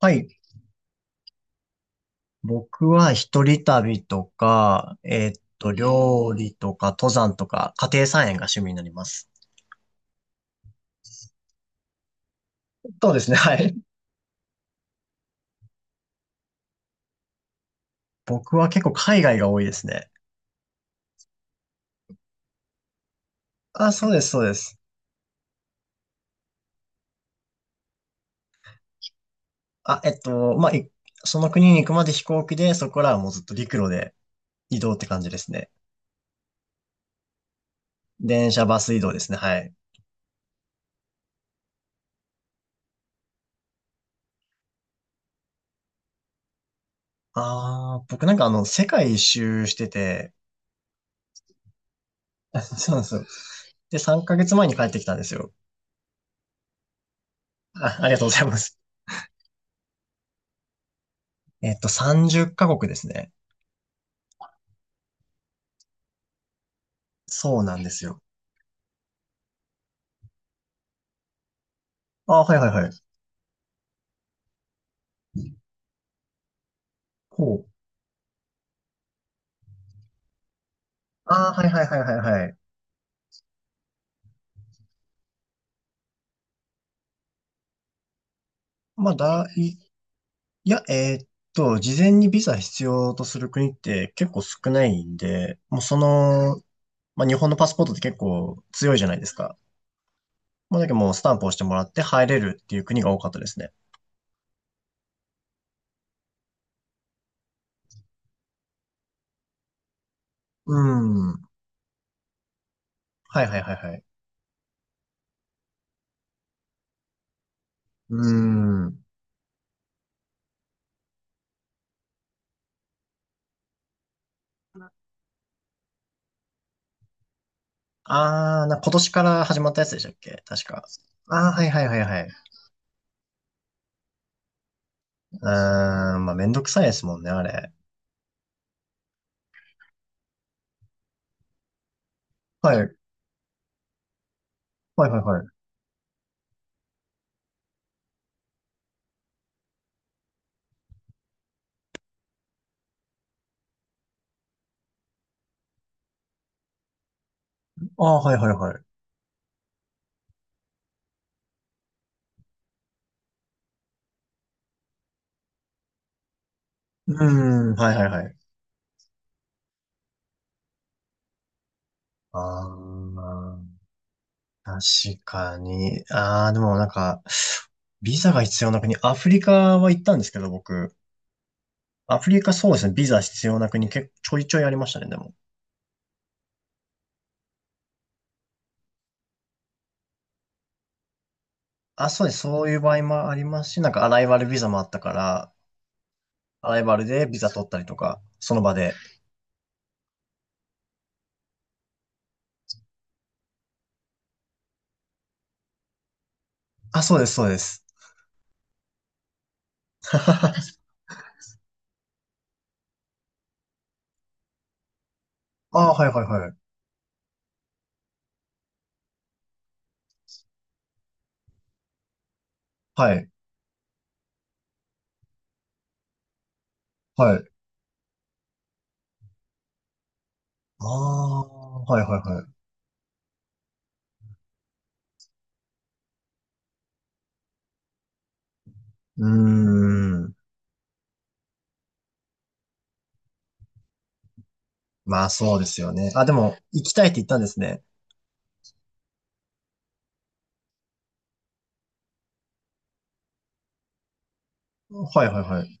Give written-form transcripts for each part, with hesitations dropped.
はい。僕は一人旅とか、料理とか、登山とか、家庭菜園が趣味になります。そうですね、はい。僕は結構海外が多いですね。あ、そうです、そうです。あ、えっと、まあ、いその国に行くまで飛行機で、そこからはもうずっと陸路で移動って感じですね。電車、バス移動ですね、はい。ああ、僕なんかあの、世界一周してて、そうなんですよ。で、3ヶ月前に帰ってきたんですよ。あ、ありがとうございます。えっと、30カ国ですね。そうなんですよ。ああ、はいはいはい。ほう。ああ、はいはいはいはいはい。まあ、だい、いや、えーっと、事前にビザ必要とする国って結構少ないんで、もうその、まあ、日本のパスポートって結構強いじゃないですか。もうだけどもうスタンプを押してもらって入れるっていう国が多かったですね。うん。はいはいはいはい。うん。ああ、な、今年から始まったやつでしたっけ確か。ああ、はいはいはいはい。うーん、まあ、めんどくさいですもんね、あれ。はい。はいはいはい。ああ、はいはいはい。うーん、はいはいはい。あー、確かに。あー、でもなんか、ビザが必要な国、アフリカは行ったんですけど、僕。アフリカそうですね、ビザ必要な国結構ちょいちょいありましたね、でも。あ、そうです、そういう場合もありますし、なんかアライバルビザもあったから、アライバルでビザ取ったりとか、その場で。あ、そうです、そうです。あー、はいはいはい。はい、はい。あー、はいはいはい。うーん。まあそうですよね。あ、でも、行きたいって言ったんですね。はいはいはい。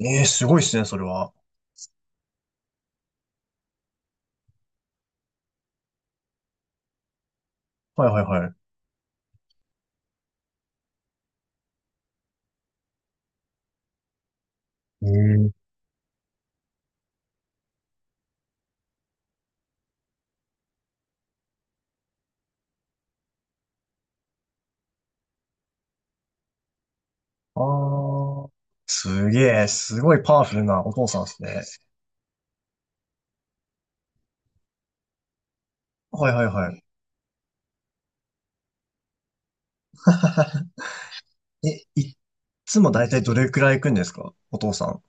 ええ、すごいっすね、それは。はいはいはい。うん。ああ、すげえ、すごいパワフルなお父さんですね。はいはいはい。え、いっつもだいたいどれくらい行くんですか、お父さん。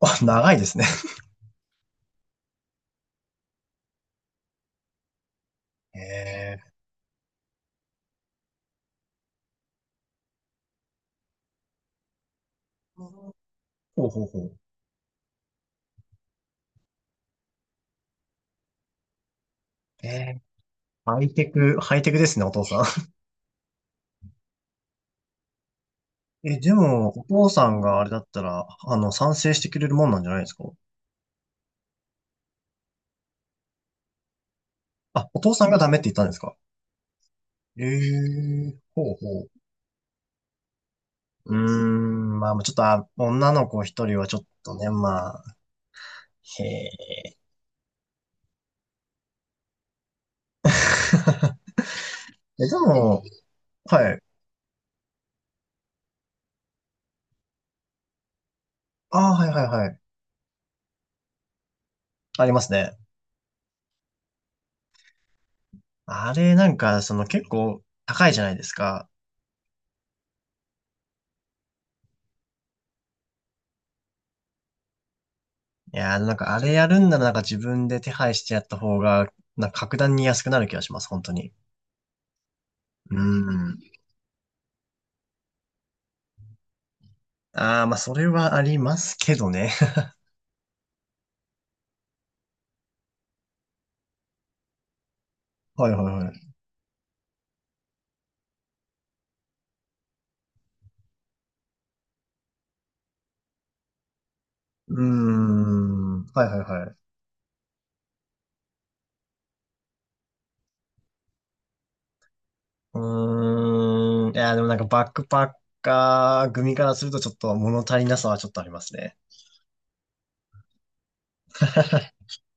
あ、長いですね。ええ、ほうほうほう。ええ、ハイテク、ハイテクですね、お父さん。え、でも、お父さんがあれだったら、あの、賛成してくれるもんなんじゃないですか？あ、お父さんがダメって言ったんですか？ええ、ほうほう。うーん、まあ、ちょっと、あ、女の子一人はちょっとね、まあ、へえ。え、でも、はい。ああ、はいはいはい。ありますね。あれ、なんか、その結構高いじゃないですか。いやー、なんかあれやるんならなんか自分で手配してやった方が、なんか格段に安くなる気がします、本当に。うーん。ああ、まあ、それはありますけどね。はいはいはい。うーん。はいはいはい。うーん。いや、でもなんかバックパッカー組からするとちょっと物足りなさはちょっとありますね。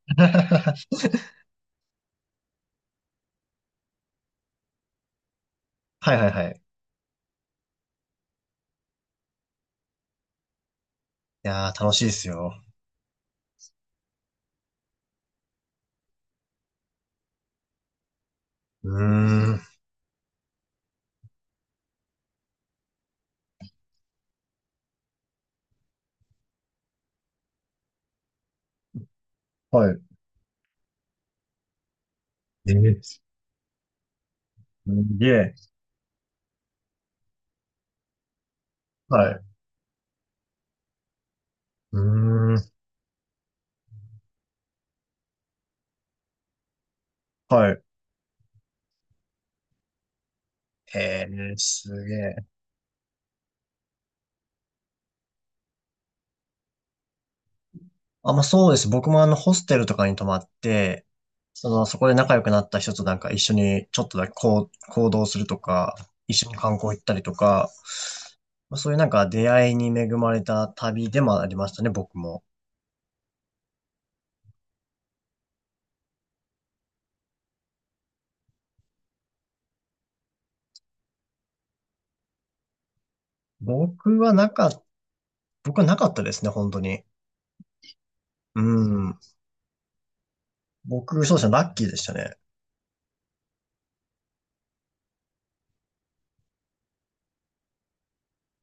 はいはいはい。いやー、楽しいですよ。うーん。はい。えー、すげえ。はい。うーん。はい。えー、すげえ。あ、まあそうです。僕もあの、ホステルとかに泊まって、その、そこで仲良くなった人となんか一緒にちょっとだけこう、行動するとか、一緒に観光行ったりとか、まあ、そういうなんか出会いに恵まれた旅でもありましたね、僕も。僕はなか、僕はなかったですね、本当に。うん。僕、そうですね、ラッキーでしたね。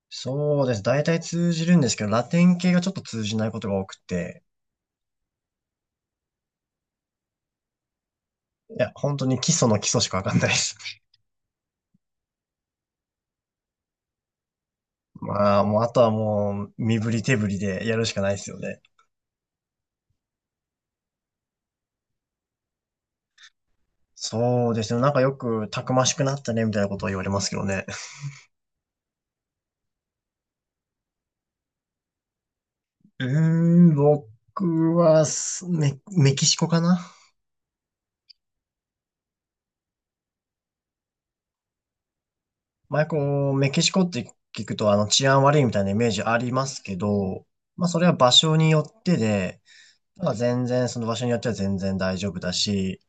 そうです。大体通じるんですけど、ラテン系がちょっと通じないことが多くて、いや、本当に基礎の基礎しかわかんないです。まあ、もう、あとはもう、身振り手振りでやるしかないですよね。そうですね。なんかよく、たくましくなったね、みたいなことを言われますけどね。うーん、僕はす、メ、メキシコかな。前、こう、メキシコって聞くと、あの、治安悪いみたいなイメージありますけど、まあ、それは場所によってで、まあ、全然、その場所によっては全然大丈夫だし、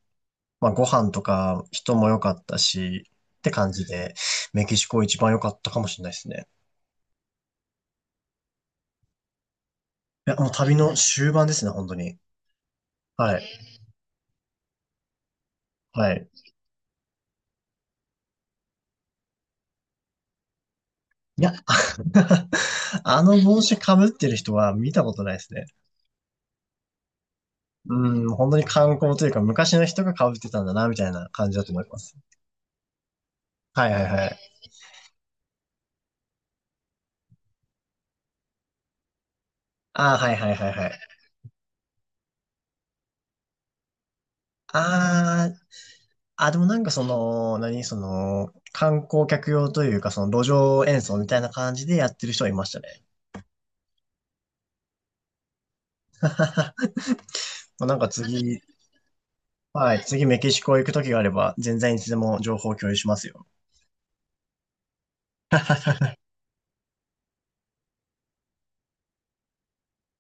まあ、ご飯とか人も良かったし、って感じで、メキシコ一番良かったかもしれないですね。や、もう旅の終盤ですね、本当に。はい。はい。いや、あの帽子被ってる人は見たことないですね。うん、本当に観光というか、昔の人が被ってたんだな、みたいな感じだと思います。はいはいはい。ああ、はいはいはいはい。ああ、あ、でもなんかその、何、その、観光客用というか、その路上演奏みたいな感じでやってる人はいましたね。まあなんか次、はい、次メキシコ行く時があれば、全然いつでも情報共有しますよ。